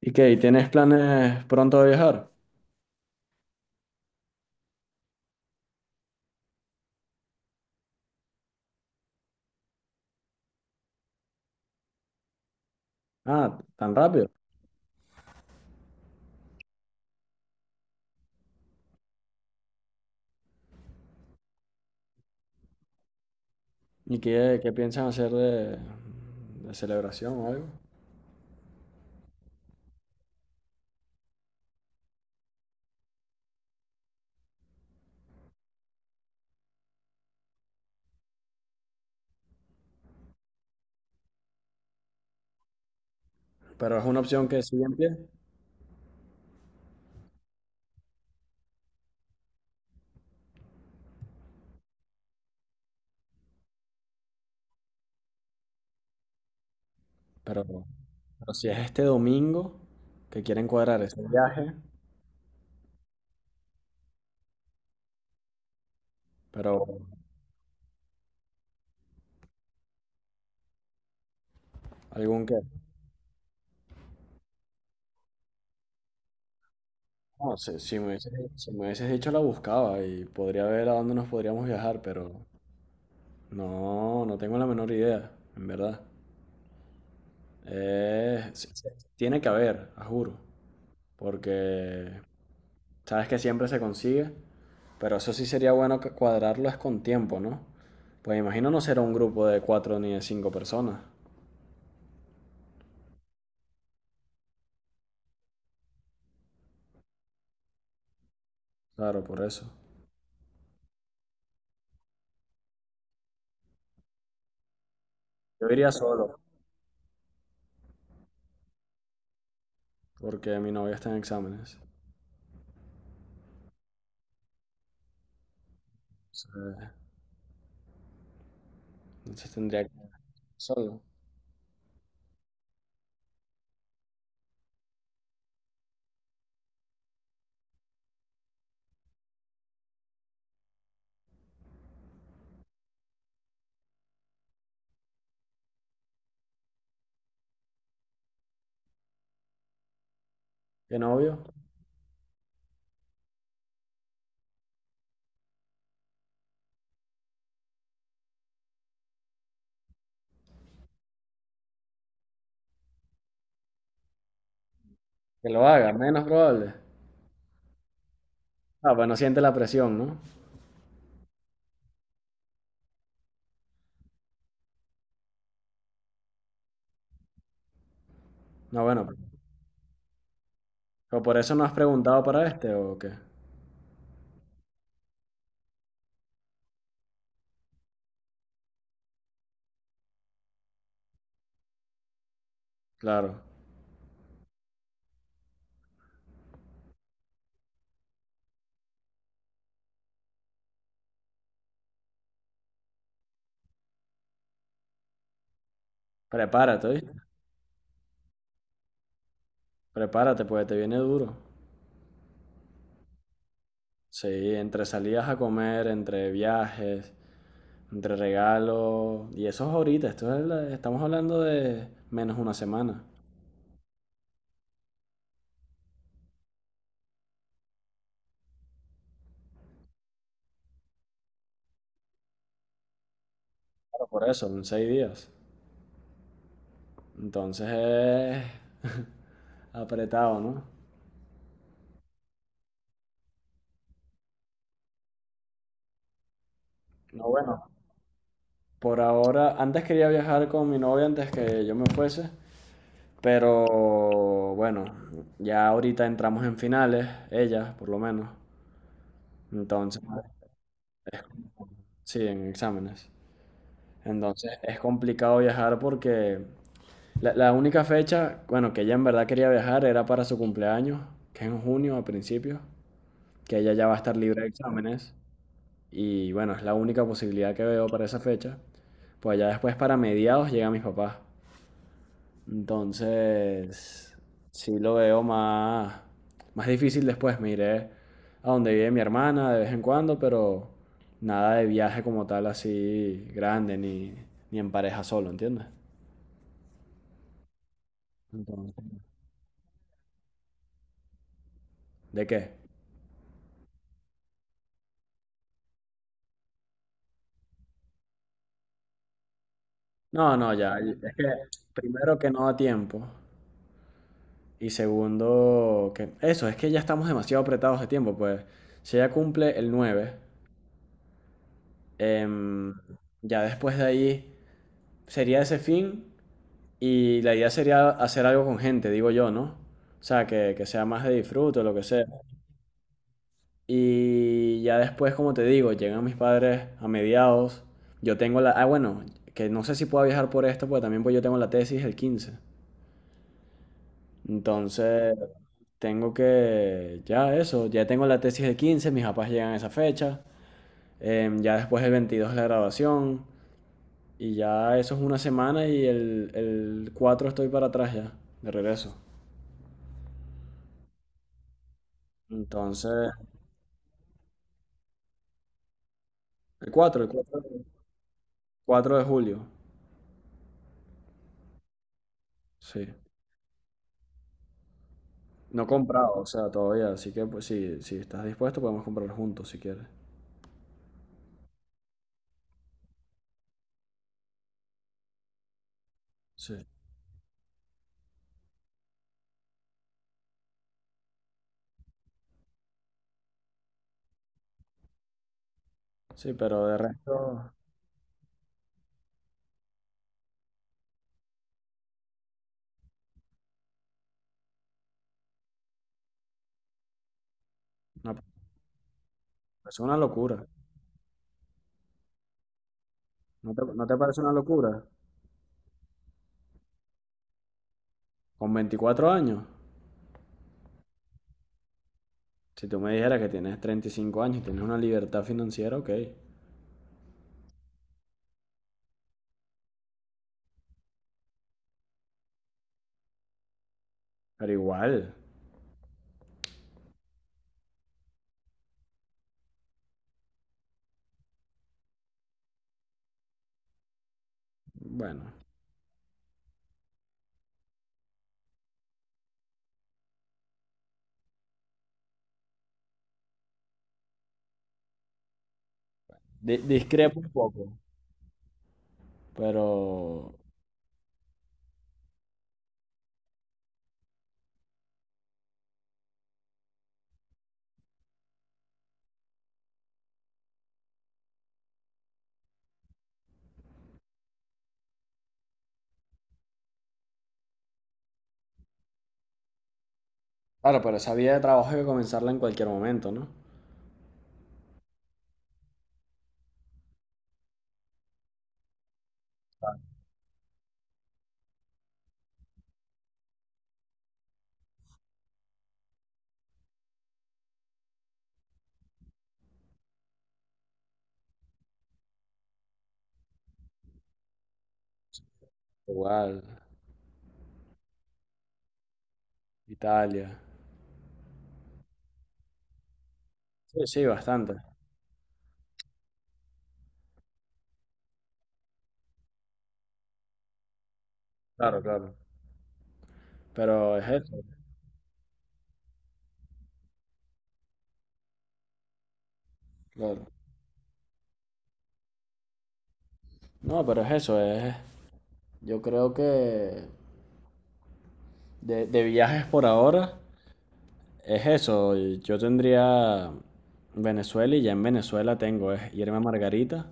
¿Y qué? ¿Tienes planes pronto de viajar? Ah, tan rápido. ¿Y qué piensan hacer de celebración o algo? Pero es una opción que sigue en pie. Pero, pero si es este domingo que quieren cuadrar ese viaje, pero algún que... No, si, si me hubieses, si me hubieses dicho la buscaba y podría ver a dónde nos podríamos viajar, pero no, no tengo la menor idea, en verdad. Tiene que haber, a juro. Porque sabes que siempre se consigue, pero eso sí sería bueno que cuadrarlo es con tiempo, ¿no? Pues imagino no será un grupo de cuatro ni de cinco personas. Claro, por eso. Yo iría solo, porque mi novia está en exámenes. Entonces, entonces tendría que ir solo. ¿Qué novio? Que lo haga, menos probable. Ah, pues no siente la presión, ¿no? No, bueno. ¿Pero por eso no has preguntado para este o qué? Claro. Prepárate, ¿oíste? Prepárate, pues te viene duro. Sí, entre salidas a comer, entre viajes. Entre regalos. Y eso es ahorita. Esto es estamos hablando de menos una semana. Claro, por eso, en 6 días. Entonces es apretado, ¿no? No, bueno. Por ahora, antes quería viajar con mi novia antes que yo me fuese. Pero bueno, ya ahorita entramos en finales, ella por lo menos. Entonces, sí, en exámenes. Entonces es complicado viajar porque la única fecha, bueno, que ella en verdad quería viajar era para su cumpleaños, que es en junio a principios, que ella ya va a estar libre de exámenes. Y bueno, es la única posibilidad que veo para esa fecha. Pues ya después para mediados llega mis papás. Entonces, sí lo veo más difícil después. Me iré a donde vive mi hermana de vez en cuando, pero nada de viaje como tal así grande, ni, ni en pareja solo, ¿entiendes? Entonces, ¿de qué? No, no, ya. Es que primero que no da tiempo. Y segundo, que eso, es que ya estamos demasiado apretados de tiempo, pues. Si ella cumple el 9, em, ya después de ahí sería ese fin. Y la idea sería hacer algo con gente, digo yo, ¿no? O sea, que sea más de disfrute, o lo que sea. Y ya después, como te digo, llegan mis padres a mediados. Yo tengo la... Ah, bueno, que no sé si puedo viajar por esto, porque también pues yo tengo la tesis el 15. Entonces, tengo que, ya eso, ya tengo la tesis de 15 mis papás llegan a esa fecha, ya después el 22 es la graduación, y ya eso es una semana y el 4 estoy para atrás ya, de regreso. Entonces, el 4 de julio, sí. No he comprado, o sea, todavía, así que pues sí, si estás dispuesto podemos comprar juntos si quieres. Sí, sí, pero de resto, no, es una locura. ¿No te parece una locura? Con 24 años. Si tú me dijeras que tienes 35 años y tienes una libertad financiera, ok. Pero igual, bueno, discrepo un poco. Pero, claro, pero esa vida de trabajo hay que comenzarla en cualquier momento, ¿no? Igual, Italia. Sí, sí, bastante. Claro, claro. Pero es eso, claro. No, pero es eso, es... Yo creo que de viajes por ahora es eso. Yo tendría Venezuela y ya en Venezuela tengo, es irme a Margarita.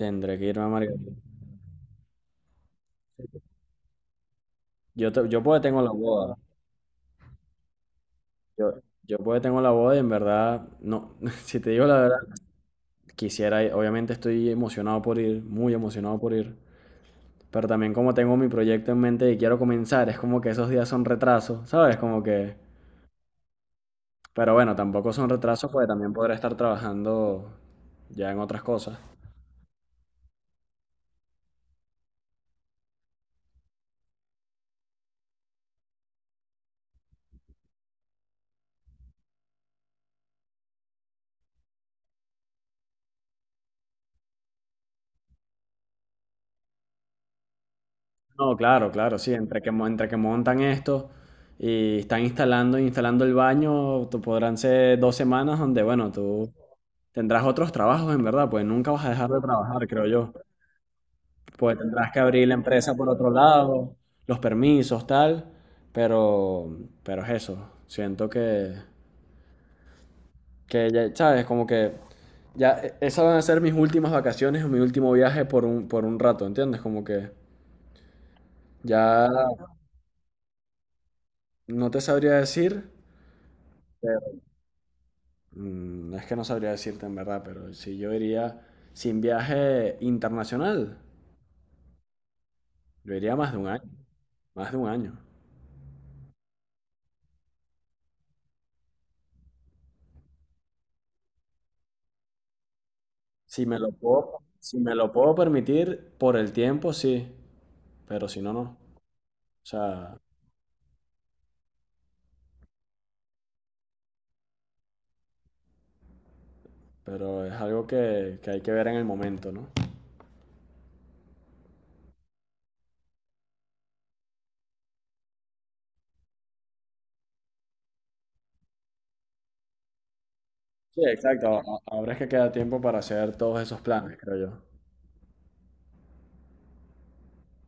Tendré que irme a Margarita. Yo, yo porque tengo la boda. Yo, yo porque tengo la boda y en verdad, no, si te digo la verdad, quisiera ir. Obviamente estoy emocionado por ir, muy emocionado por ir. Pero también como tengo mi proyecto en mente y quiero comenzar, es como que esos días son retrasos, ¿sabes? Como que... Pero bueno, tampoco son retrasos porque también podré estar trabajando ya en otras cosas. No, claro, claro, sí, entre que montan esto y están instalando el baño, tú podrán ser 2 semanas donde, bueno, tú tendrás otros trabajos en verdad, pues nunca vas a dejar de trabajar, creo yo. Pues tendrás que abrir la empresa por otro lado, los permisos, tal, pero, pero es eso, siento que ya, sabes, como que ya esas van a ser mis últimas vacaciones o mi último viaje por por un rato, ¿entiendes? Como que ya no te sabría decir. Mm, es que no sabría decirte en verdad, pero si yo iría sin viaje internacional, yo iría más de un año, más de un año. Si me lo puedo, si me lo puedo permitir por el tiempo, sí, pero si no, no. O sea, pero es algo que hay que ver en el momento, ¿no? Sí, exacto. Ahora es que queda tiempo para hacer todos esos planes, creo yo.